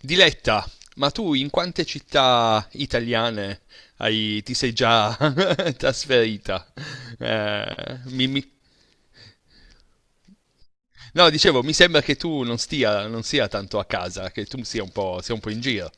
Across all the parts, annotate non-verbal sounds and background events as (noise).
Diletta, ma tu in quante città italiane ti sei già (laughs) trasferita? Eh, mi- mi- no, dicevo, mi sembra che tu non stia, non sia tanto a casa, che tu sia un po' in giro.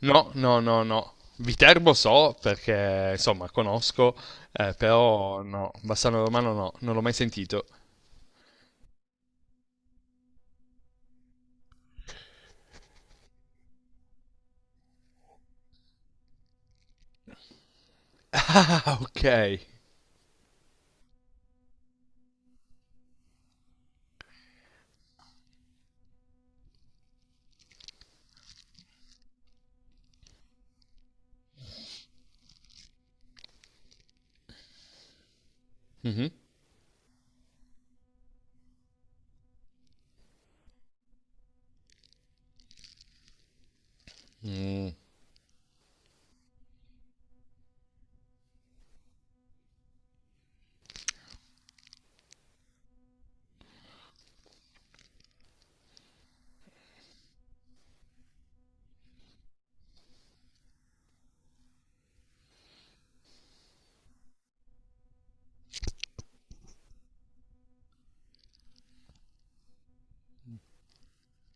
No, no, no, no. Viterbo so perché, insomma, conosco, però no, Bassano Romano no, non l'ho mai sentito. (laughs) Ah, ok. Mhm.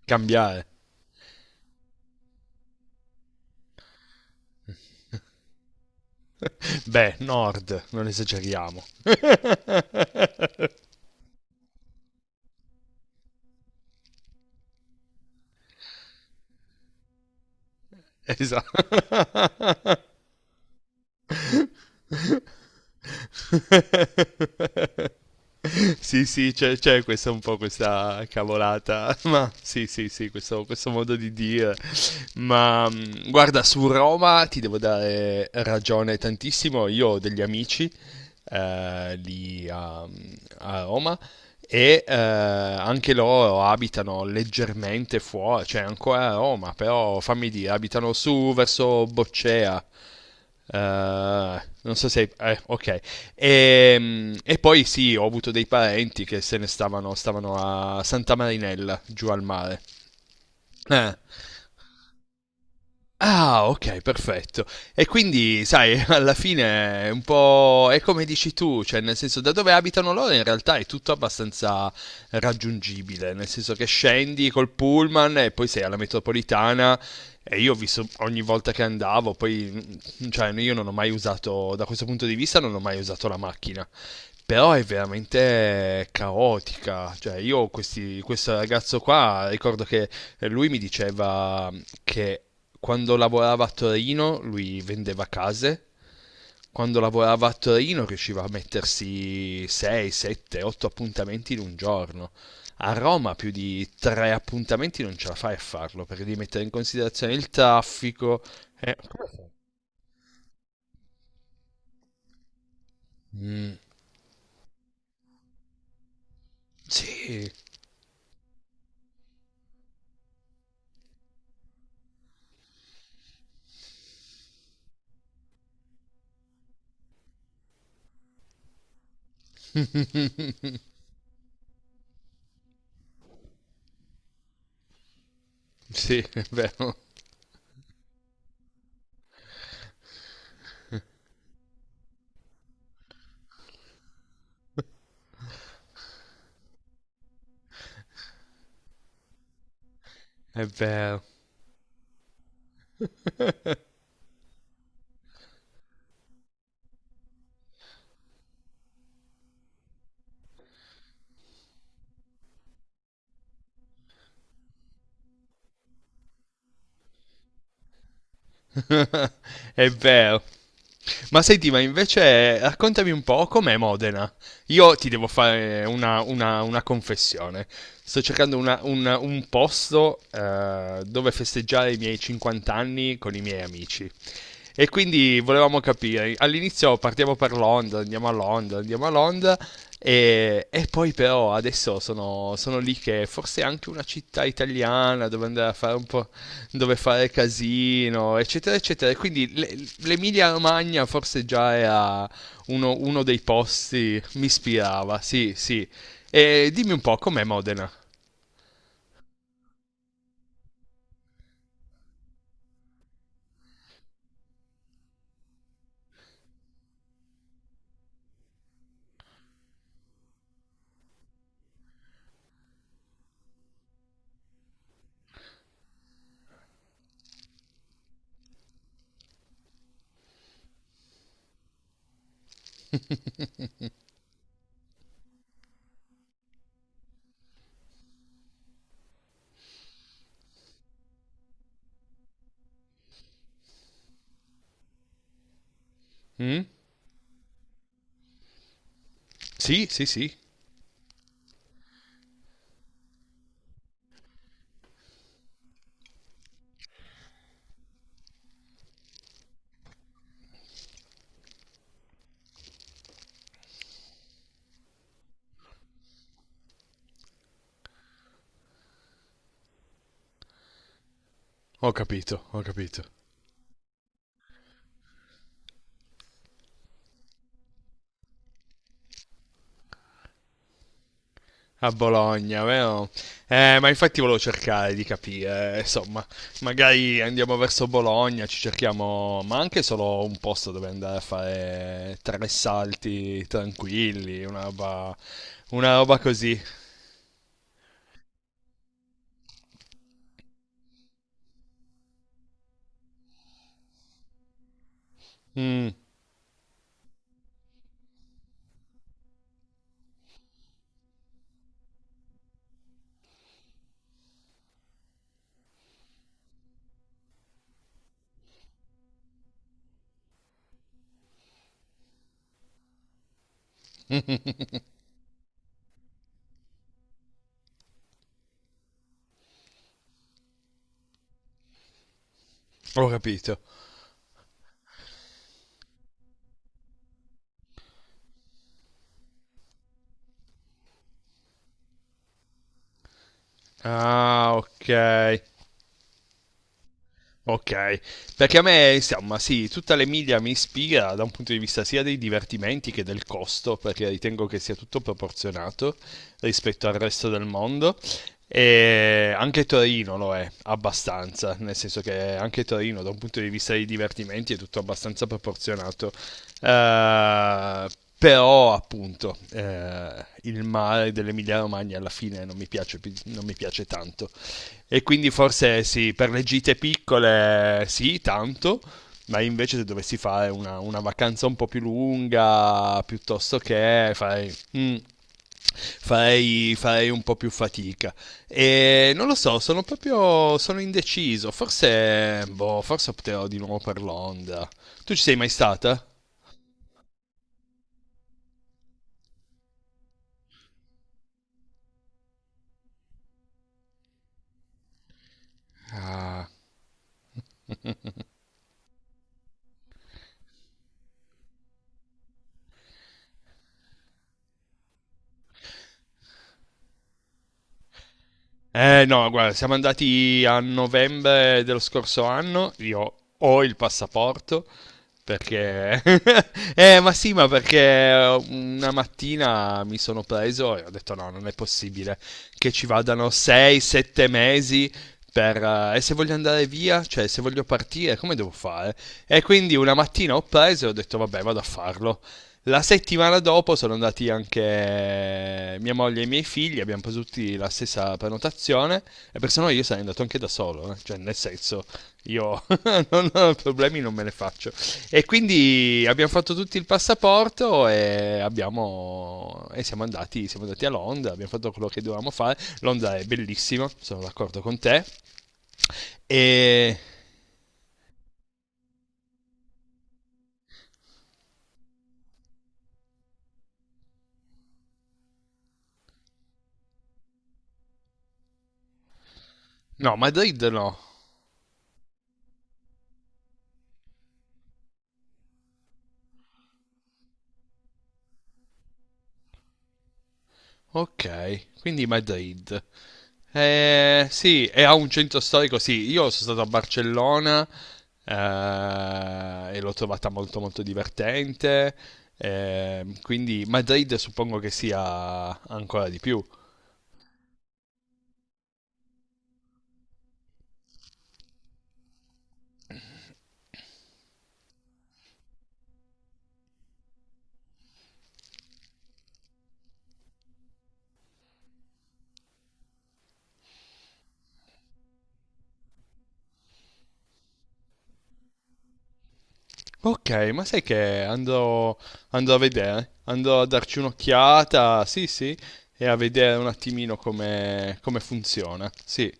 Cambiare. Beh, nord, non esageriamo. (laughs) Esatto. (laughs) Sì, sì, c'è questa un po' questa cavolata, (laughs) ma sì, sì, sì, questo modo di dire. Ma guarda, su Roma ti devo dare ragione tantissimo. Io ho degli amici lì a Roma e anche loro abitano leggermente fuori, cioè ancora a Roma, però fammi dire, abitano su verso Boccea. Eh, non so se, ok. E poi sì, ho avuto dei parenti che se ne stavano a Santa Marinella, giù al mare. Eh, Ah, ok, perfetto. E quindi, sai, (laughs) alla fine è un po' è come dici tu, cioè nel senso da dove abitano loro in realtà è tutto abbastanza raggiungibile, nel senso che scendi col pullman e poi sei alla metropolitana e io ho visto ogni volta che andavo, poi cioè io non ho mai usato, da questo punto di vista non ho mai usato la macchina. Però è veramente caotica. Cioè, io questo ragazzo qua ricordo che e lui mi diceva che quando lavorava a Torino lui vendeva case, quando lavorava a Torino riusciva a mettersi 6, 7, 8 appuntamenti in un giorno. A Roma più di 3 appuntamenti non ce la fai a farlo perché devi mettere in considerazione il traffico. Eh. Mm, sì, sì, è vero, (laughs) è vero. Ma senti, ma invece raccontami un po' com'è Modena. Io ti devo fare una confessione. Sto cercando un posto dove festeggiare i miei 50 anni con i miei amici. E quindi volevamo capire, all'inizio partiamo per Londra, andiamo a Londra, e poi però adesso sono lì che forse è anche una città italiana dove andare a fare un po' dove fare casino, eccetera, eccetera. E quindi l'Emilia Romagna forse già era uno dei posti, mi ispirava, sì, sì. E dimmi un po', com'è Modena? Mm? Sì, sì, sì, ho capito, ho capito. A Bologna, vero? Ma infatti volevo cercare di capire, insomma, magari andiamo verso Bologna, ci cerchiamo, ma anche solo un posto dove andare a fare tre salti tranquilli, una roba così. Mm, ho capito. Ah, ok. Ok, perché a me, insomma, sì, tutta l'Emilia mi ispira da un punto di vista sia dei divertimenti che del costo, perché ritengo che sia tutto proporzionato rispetto al resto del mondo. E anche Torino lo è abbastanza, nel senso che anche Torino, da un punto di vista dei divertimenti, è tutto abbastanza proporzionato. Eh, però, appunto, il mare dell'Emilia Romagna alla fine non mi piace, non mi piace tanto. E quindi forse sì, per le gite piccole sì, tanto, ma invece se dovessi fare una vacanza un po' più lunga, piuttosto che fai, farei un po' più fatica. E non lo so, sono proprio sono indeciso. Forse, boh, forse opterò di nuovo per Londra. Tu ci sei mai stata? Ah. Eh no, guarda, siamo andati a novembre dello scorso anno, io ho il passaporto perché, (laughs) ma sì, ma perché una mattina mi sono preso e ho detto no, non è possibile che ci vadano 6-7 mesi per, e se voglio andare via, cioè se voglio partire, come devo fare? E quindi una mattina ho preso e ho detto vabbè, vado a farlo. La settimana dopo sono andati anche mia moglie e i miei figli, abbiamo preso tutti la stessa prenotazione e per se no io sarei andato anche da solo, eh, cioè nel senso io (laughs) non ho problemi, non me ne faccio. E quindi abbiamo fatto tutti il passaporto e, siamo andati a Londra, abbiamo fatto quello che dovevamo fare. Londra è bellissima, sono d'accordo con te. E no, Madrid no. Okay, quindi Madrid. Sì, e ha un centro storico, sì, io sono stato a Barcellona e l'ho trovata molto molto divertente, quindi Madrid suppongo che sia ancora di più. Ok, ma sai che andrò a darci un'occhiata, sì sì, e a vedere un attimino come funziona, sì.